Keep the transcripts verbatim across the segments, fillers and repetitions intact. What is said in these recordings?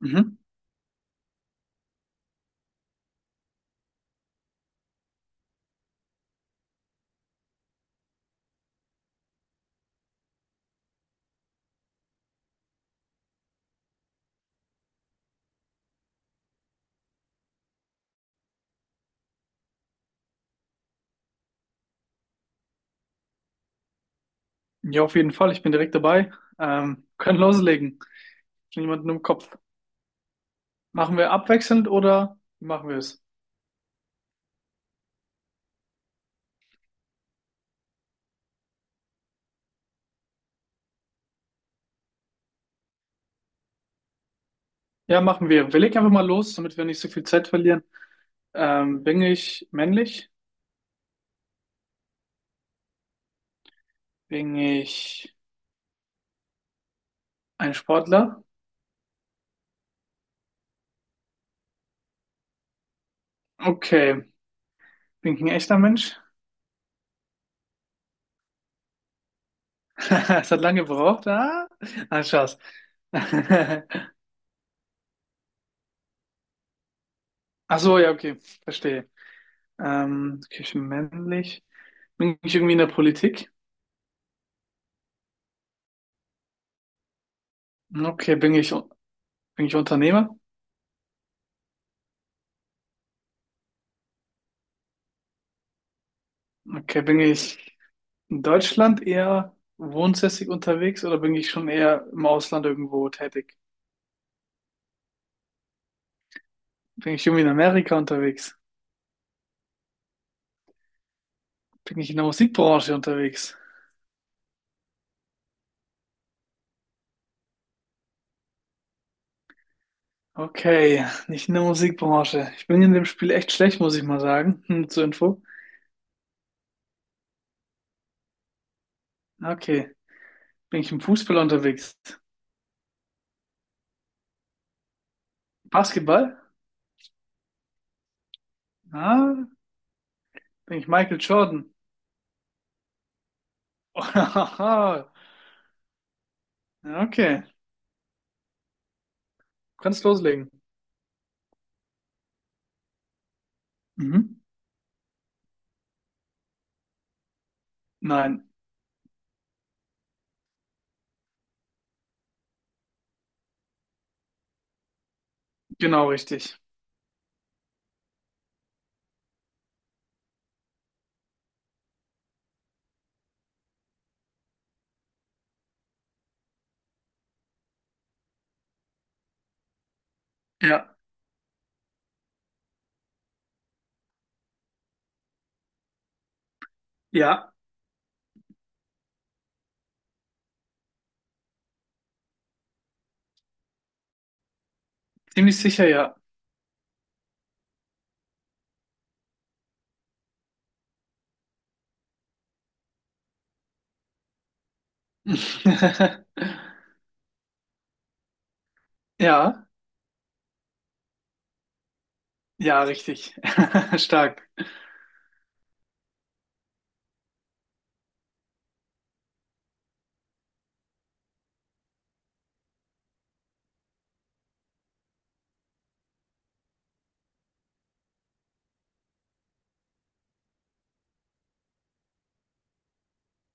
Mhm. Ja, auf jeden Fall. Ich bin direkt dabei. Ähm, können loslegen. Schon jemanden im Kopf. Machen wir abwechselnd oder wie machen wir es? Ja, machen wir. Wir legen einfach mal los, damit wir nicht so viel Zeit verlieren. Ähm, bin ich männlich? Bin ich ein Sportler? Okay. Bin ich ein echter Mensch? Es hat lange gebraucht. Ah, ah Spaß. Ach so, ja, okay. Verstehe. Ähm, okay, ich bin männlich. Bin ich irgendwie in der Politik? Okay, bin ich, bin ich Unternehmer? Okay, bin ich in Deutschland eher wohnsässig unterwegs oder bin ich schon eher im Ausland irgendwo tätig? Bin ich irgendwie in Amerika unterwegs? Bin ich in der Musikbranche unterwegs? Okay, nicht in der Musikbranche. Ich bin in dem Spiel echt schlecht, muss ich mal sagen. Hm, zur Info. Okay, bin ich im Fußball unterwegs? Basketball? Ah, bin ich Michael Jordan? Ja, okay, kannst loslegen. Mhm. Nein, genau richtig. Ja, ja, ziemlich sicher ja. Ja, ja, richtig. Stark.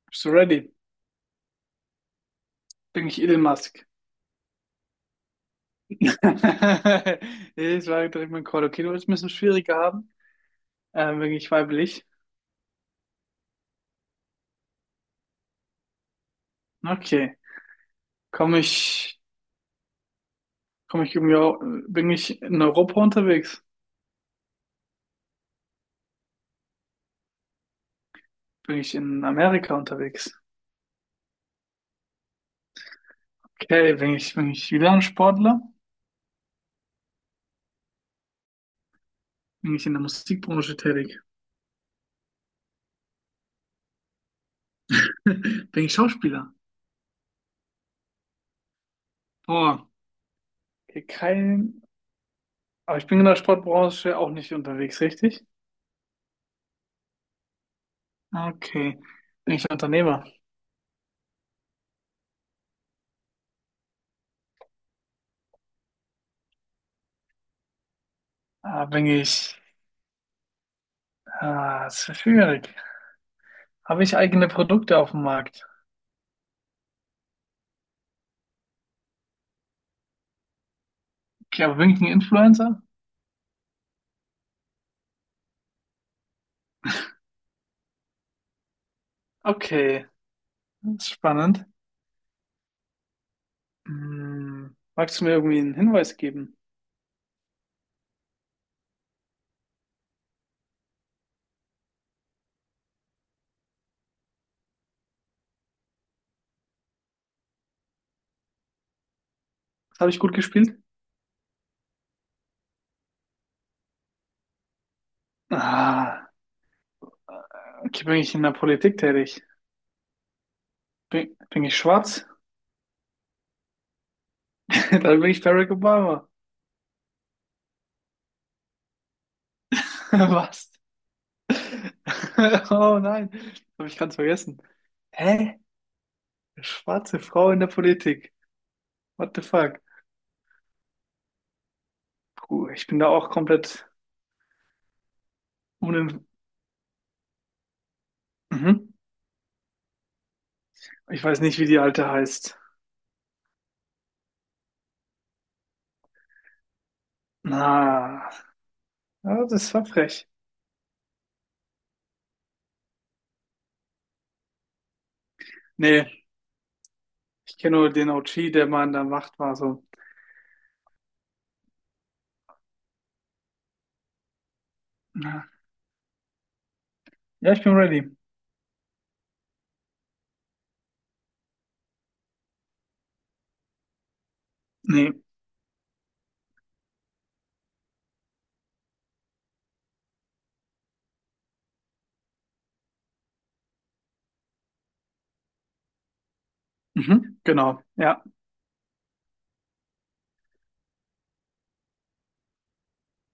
Bist du ready? Bin ich Elon Musk? Ich war direkt mein dem Call. Okay, du willst ein bisschen schwieriger haben. Ähm, bin ich weiblich? Okay. Komme ich, komme ich irgendwie, au- bin ich in Europa unterwegs? Bin ich in Amerika unterwegs? Okay, bin ich, bin ich wieder ein Sportler? Bin ich in der Musikbranche tätig? Bin ich Schauspieler? Boah, okay, kein, aber ich bin in der Sportbranche auch nicht unterwegs, richtig? Okay. Bin ich Unternehmer? Ah, bin ich. Ah, das ist schwierig. Habe ich eigene Produkte auf dem Markt? Okay, aber bin ich ein Influencer? Okay, das ist spannend. Hm, magst du mir irgendwie einen Hinweis geben? Das habe ich gut gespielt. Ah, okay, bin ich in der Politik tätig? Bin, bin ich schwarz? Dann bin ich Barack Obama. Was? Oh nein, habe ich ganz vergessen. Hä? Eine schwarze Frau in der Politik. What the fuck? Puh, ich bin da auch komplett unin... Mhm. Ich weiß nicht, wie die alte heißt. Na, ja, das war frech. Nee, ich kenne nur den O G, der mal in der Macht war. So, na, ja, ich bin ready. Nee, mhm, genau. Ja,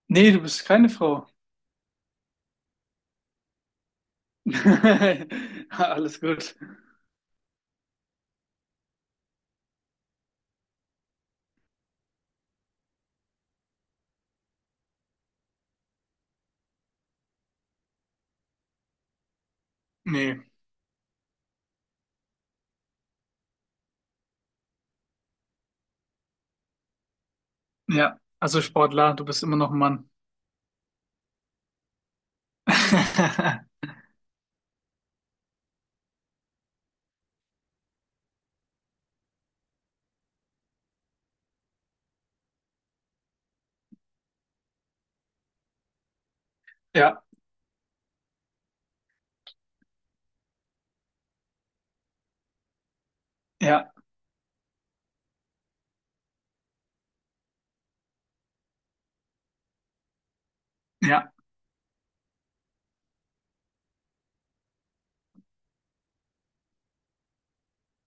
nee, du bist keine Frau. Alles gut. Nee, ja, also Sportler, du bist immer noch ein Mann. Ja, ja, ja.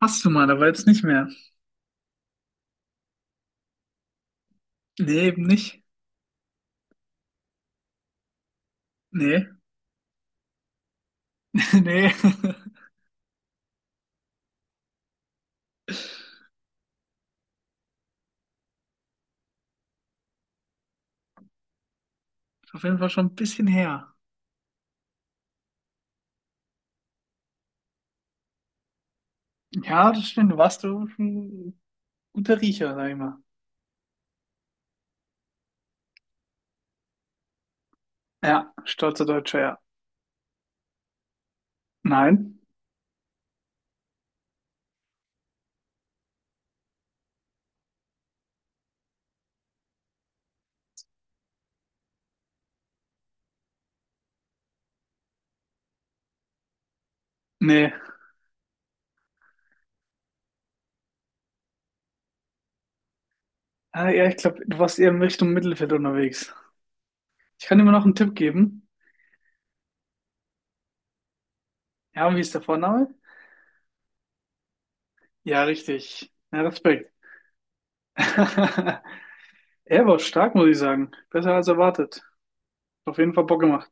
Hast du mal, aber jetzt nicht mehr. Nee, eben nicht. Nee, nee. Ist auf jeden Fall schon ein bisschen her. Ja, das stimmt. Warst du schon. Guter Riecher, sag ich mal. Ja, stolzer Deutscher, ja. Nein? Nee. Ah, ja, ich glaube, du warst eher in Richtung Mittelfeld unterwegs. Ich kann dir mal noch einen Tipp geben. Ja, und wie ist der Vorname? Ja, richtig. Ja, Respekt. Er war stark, muss ich sagen. Besser als erwartet. Auf jeden Fall Bock gemacht.